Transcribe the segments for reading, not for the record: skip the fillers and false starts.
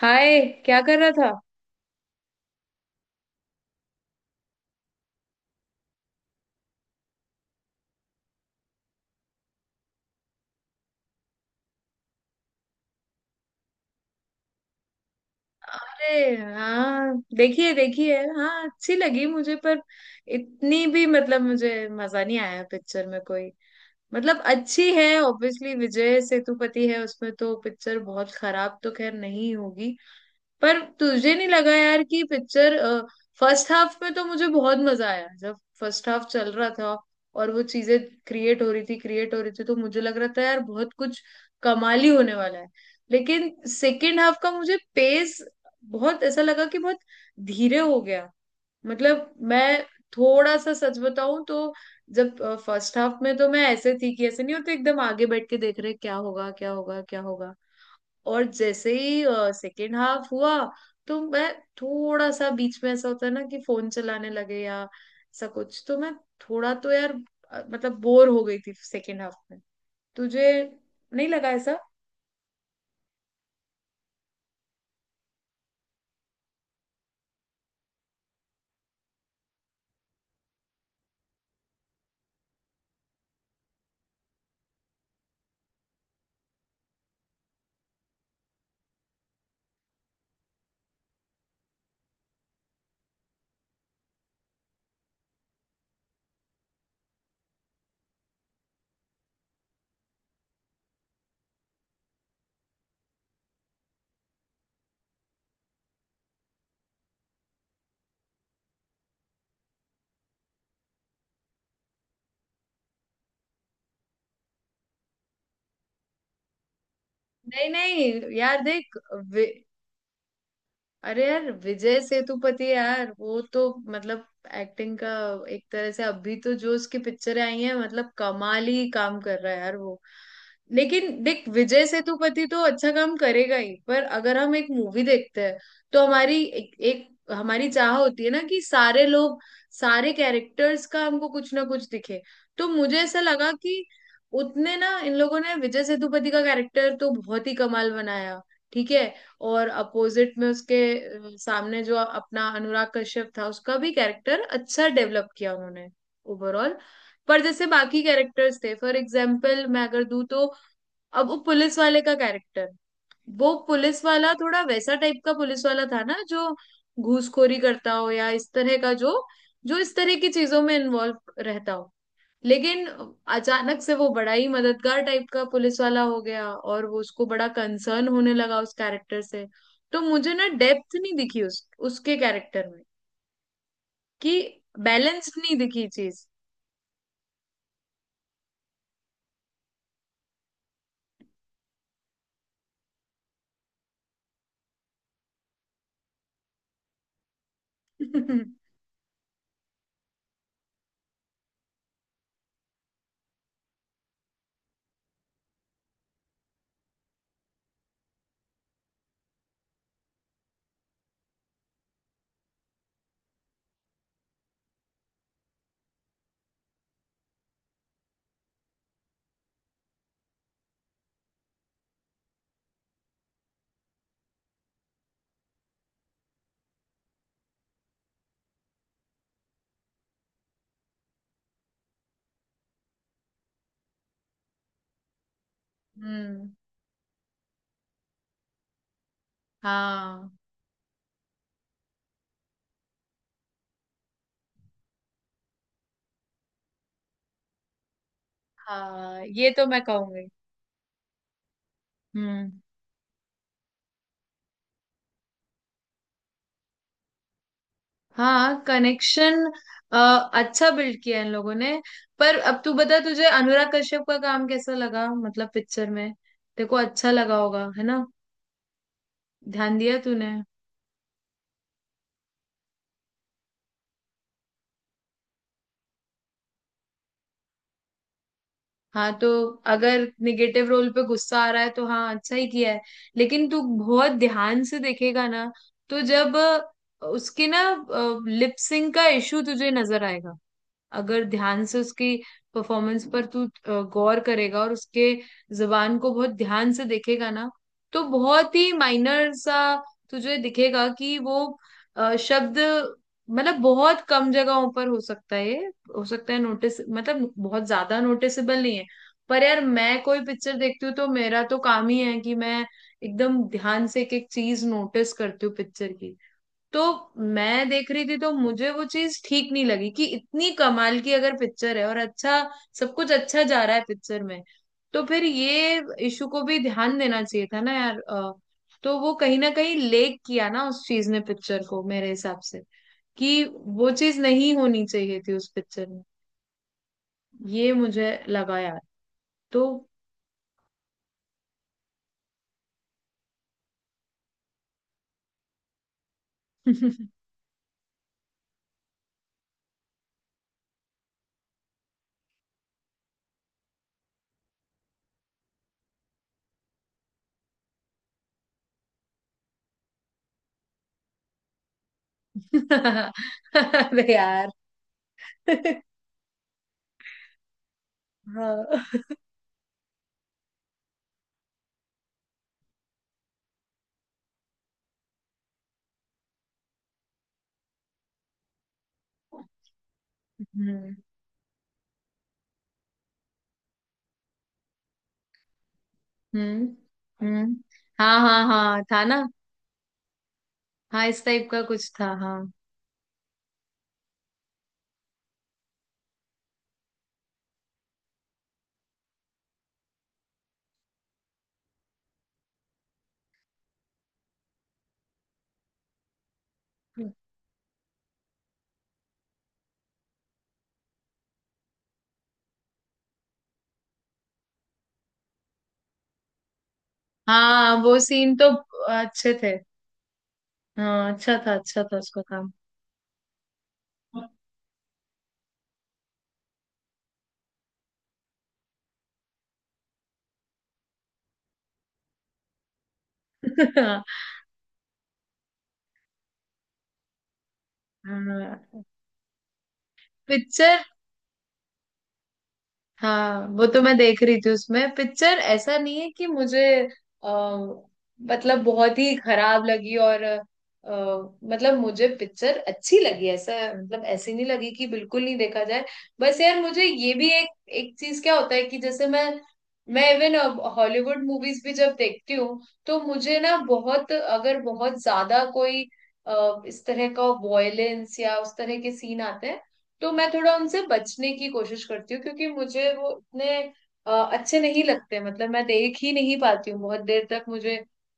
हाय। क्या कर रहा था? अरे हाँ, देखिए देखिए। हाँ, अच्छी लगी मुझे, पर इतनी भी मतलब मुझे मजा नहीं आया पिक्चर में कोई। मतलब अच्छी है, ऑब्वियसली, विजय सेतुपति है उसमें तो पिक्चर बहुत खराब तो खैर नहीं होगी। पर तुझे नहीं लगा यार कि पिक्चर। फर्स्ट हाफ में तो मुझे बहुत मजा आया जब फर्स्ट हाफ चल रहा था और वो चीजें क्रिएट हो रही थी तो मुझे लग रहा था यार बहुत कुछ कमाल ही होने वाला है। लेकिन सेकेंड हाफ का मुझे पेस बहुत ऐसा लगा कि बहुत धीरे हो गया। मतलब मैं थोड़ा सा सच बताऊं तो, जब फर्स्ट हाफ में तो मैं ऐसे थी कि ऐसे नहीं होते, एकदम आगे बैठ के देख रहे क्या होगा क्या होगा क्या होगा। और जैसे ही सेकेंड हाफ हुआ तो मैं थोड़ा सा, बीच में ऐसा होता है ना कि फोन चलाने लगे या ऐसा कुछ, तो मैं थोड़ा तो यार मतलब बोर हो गई थी सेकेंड हाफ में। तुझे नहीं लगा ऐसा? नहीं नहीं यार, देख। अरे यार विजय सेतुपति, यार वो तो मतलब एक्टिंग का, एक तरह से अभी तो जो उसकी पिक्चरें आई हैं मतलब कमाल ही काम कर रहा है यार वो। लेकिन देख, विजय सेतुपति तो अच्छा काम करेगा ही, पर अगर हम एक मूवी देखते हैं तो हमारी एक हमारी चाह होती है ना कि सारे लोग, सारे कैरेक्टर्स का हमको कुछ ना कुछ दिखे। तो मुझे ऐसा लगा कि उतने ना, इन लोगों ने विजय सेतुपति का कैरेक्टर तो बहुत ही कमाल बनाया, ठीक है, और अपोजिट में उसके सामने जो अपना अनुराग कश्यप था उसका भी कैरेक्टर अच्छा डेवलप किया उन्होंने, ओवरऑल। पर जैसे बाकी कैरेक्टर्स थे, फॉर एग्जाम्पल मैं अगर दूं तो, अब वो पुलिस वाले का कैरेक्टर, वो पुलिस वाला थोड़ा वैसा टाइप का पुलिस वाला था ना जो घूसखोरी करता हो या इस तरह का, जो जो इस तरह की चीजों में इन्वॉल्व रहता हो। लेकिन अचानक से वो बड़ा ही मददगार टाइप का पुलिस वाला हो गया और वो उसको बड़ा कंसर्न होने लगा उस कैरेक्टर से। तो मुझे ना डेप्थ नहीं दिखी उस उसके कैरेक्टर में, कि बैलेंस्ड नहीं दिखी चीज। हम्म। हाँ हाँ, ये तो मैं कहूंगी। हम्म। हाँ, कनेक्शन अच्छा बिल्ड किया इन लोगों ने। पर अब तू बता, तुझे अनुराग कश्यप का काम कैसा लगा, मतलब पिक्चर में? देखो, अच्छा लगा होगा, है ना। ध्यान दिया तूने? हाँ तो, अगर निगेटिव रोल पे गुस्सा आ रहा है तो हाँ, अच्छा ही किया है। लेकिन तू बहुत ध्यान से देखेगा ना, तो जब उसके ना लिप सिंक का इशू तुझे नजर आएगा। अगर ध्यान से उसकी परफॉर्मेंस पर तू गौर करेगा और उसके जुबान को बहुत ध्यान से देखेगा ना, तो बहुत ही माइनर सा तुझे दिखेगा कि वो शब्द, मतलब बहुत कम जगहों पर हो सकता है ये। हो सकता है नोटिस, मतलब बहुत ज्यादा नोटिसेबल नहीं है। पर यार, मैं कोई पिक्चर देखती हूँ तो मेरा तो काम ही है कि मैं एकदम ध्यान से एक एक चीज नोटिस करती हूँ पिक्चर की। तो मैं देख रही थी तो मुझे वो चीज ठीक नहीं लगी कि इतनी कमाल की अगर पिक्चर है और अच्छा, सब कुछ अच्छा जा रहा है पिक्चर में, तो फिर ये इशू को भी ध्यान देना चाहिए था ना यार। तो वो कहीं ना कहीं लेक किया ना उस चीज ने पिक्चर को, मेरे हिसाब से, कि वो चीज नहीं होनी चाहिए थी उस पिक्चर में। ये मुझे लगा यार। तो। अरे यार। हाँ। हम्म हम्म हम्म। हाँ हाँ हाँ, था ना। हाँ, इस टाइप का कुछ था, हाँ। हाँ, वो सीन तो अच्छे थे। हाँ, अच्छा था उसका काम। हाँ। पिक्चर। हाँ, वो तो मैं देख रही थी उसमें। पिक्चर ऐसा नहीं है कि मुझे आ, मतलब बहुत ही खराब लगी, और मतलब मुझे पिक्चर अच्छी लगी ऐसा, मतलब ऐसी नहीं लगी कि बिल्कुल नहीं देखा जाए। बस यार, मुझे ये भी एक एक चीज क्या होता है कि जैसे मैं इवन हॉलीवुड मूवीज भी जब देखती हूँ तो मुझे ना बहुत, अगर बहुत ज्यादा कोई इस तरह का वॉयलेंस या उस तरह के सीन आते हैं, तो मैं थोड़ा उनसे बचने की कोशिश करती हूँ क्योंकि मुझे वो इतने अच्छे नहीं लगते, मतलब मैं देख ही नहीं पाती हूँ बहुत देर तक, मुझे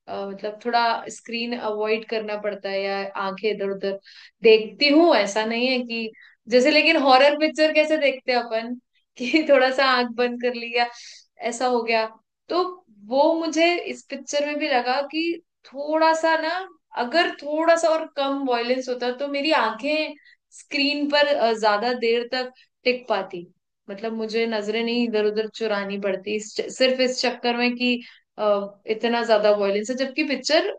मतलब थोड़ा स्क्रीन अवॉइड करना पड़ता है या आंखें इधर उधर देखती हूँ, ऐसा नहीं है कि जैसे लेकिन हॉरर पिक्चर कैसे देखते हैं अपन, कि थोड़ा सा आंख बंद कर लिया, ऐसा हो गया। तो वो मुझे इस पिक्चर में भी लगा कि थोड़ा सा ना, अगर थोड़ा सा और कम वॉयलेंस होता तो मेरी आंखें स्क्रीन पर ज्यादा देर तक टिक पाती, मतलब मुझे नजरें नहीं इधर उधर चुरानी पड़ती सिर्फ इस चक्कर में कि इतना ज्यादा वॉयलेंस है, जबकि पिक्चर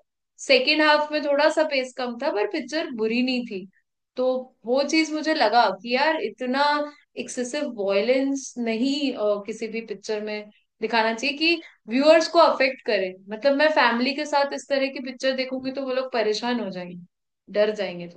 सेकेंड हाफ में थोड़ा सा पेस कम था पर पिक्चर बुरी नहीं थी। तो वो चीज मुझे लगा कि यार, इतना एक्सेसिव वॉयलेंस नहीं किसी भी पिक्चर में दिखाना चाहिए कि व्यूअर्स को अफेक्ट करे, मतलब मैं फैमिली के साथ इस तरह की पिक्चर देखूंगी तो वो लोग परेशान हो जाएंगे, डर जाएंगे।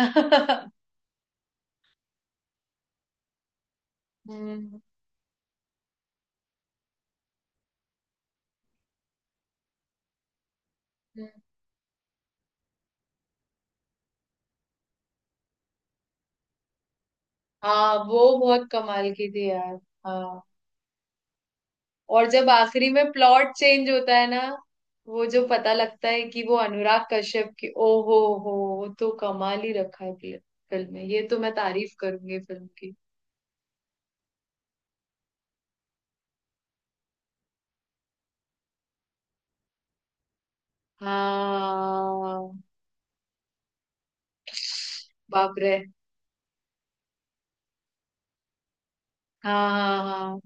थोड़ा। हम्म। हम्म। हाँ, वो बहुत कमाल की थी यार। हाँ, और जब आखिरी में प्लॉट चेंज होता है ना, वो जो पता लगता है कि वो अनुराग कश्यप की, ओ हो, वो तो कमाल ही रखा है फिल्म फिल्म में, ये तो मैं तारीफ करूंगी फिल्म की। हाँ। बाप रे। हाँ हाँ हाँ।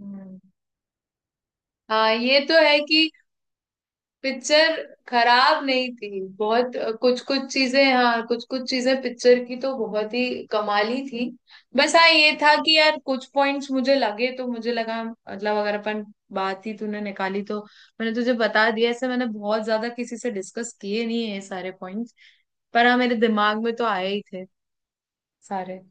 हम्म। हाँ, ये तो है कि पिक्चर खराब नहीं थी बहुत। कुछ कुछ चीजें, हाँ, कुछ कुछ चीजें पिक्चर की तो बहुत ही कमाली थी। बस हाँ, ये था कि यार कुछ पॉइंट्स मुझे लगे तो मुझे लगा, मतलब अगर अपन, बात ही तूने निकाली तो मैंने तुझे बता दिया। ऐसे मैंने बहुत ज्यादा किसी से डिस्कस किए नहीं है ये सारे पॉइंट्स, पर हाँ, मेरे दिमाग में तो आए ही थे सारे।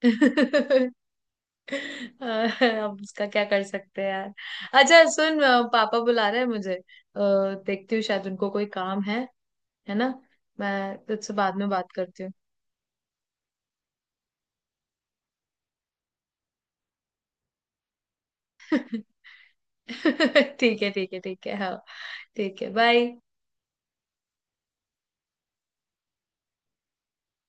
अब उसका क्या कर सकते हैं यार। अच्छा सुन, पापा बुला रहे हैं मुझे, देखती हूँ, शायद उनको कोई काम है ना। मैं तुझसे बाद में बात करती हूँ। ठीक है ठीक है ठीक है, हाँ। ठीक है, बाय।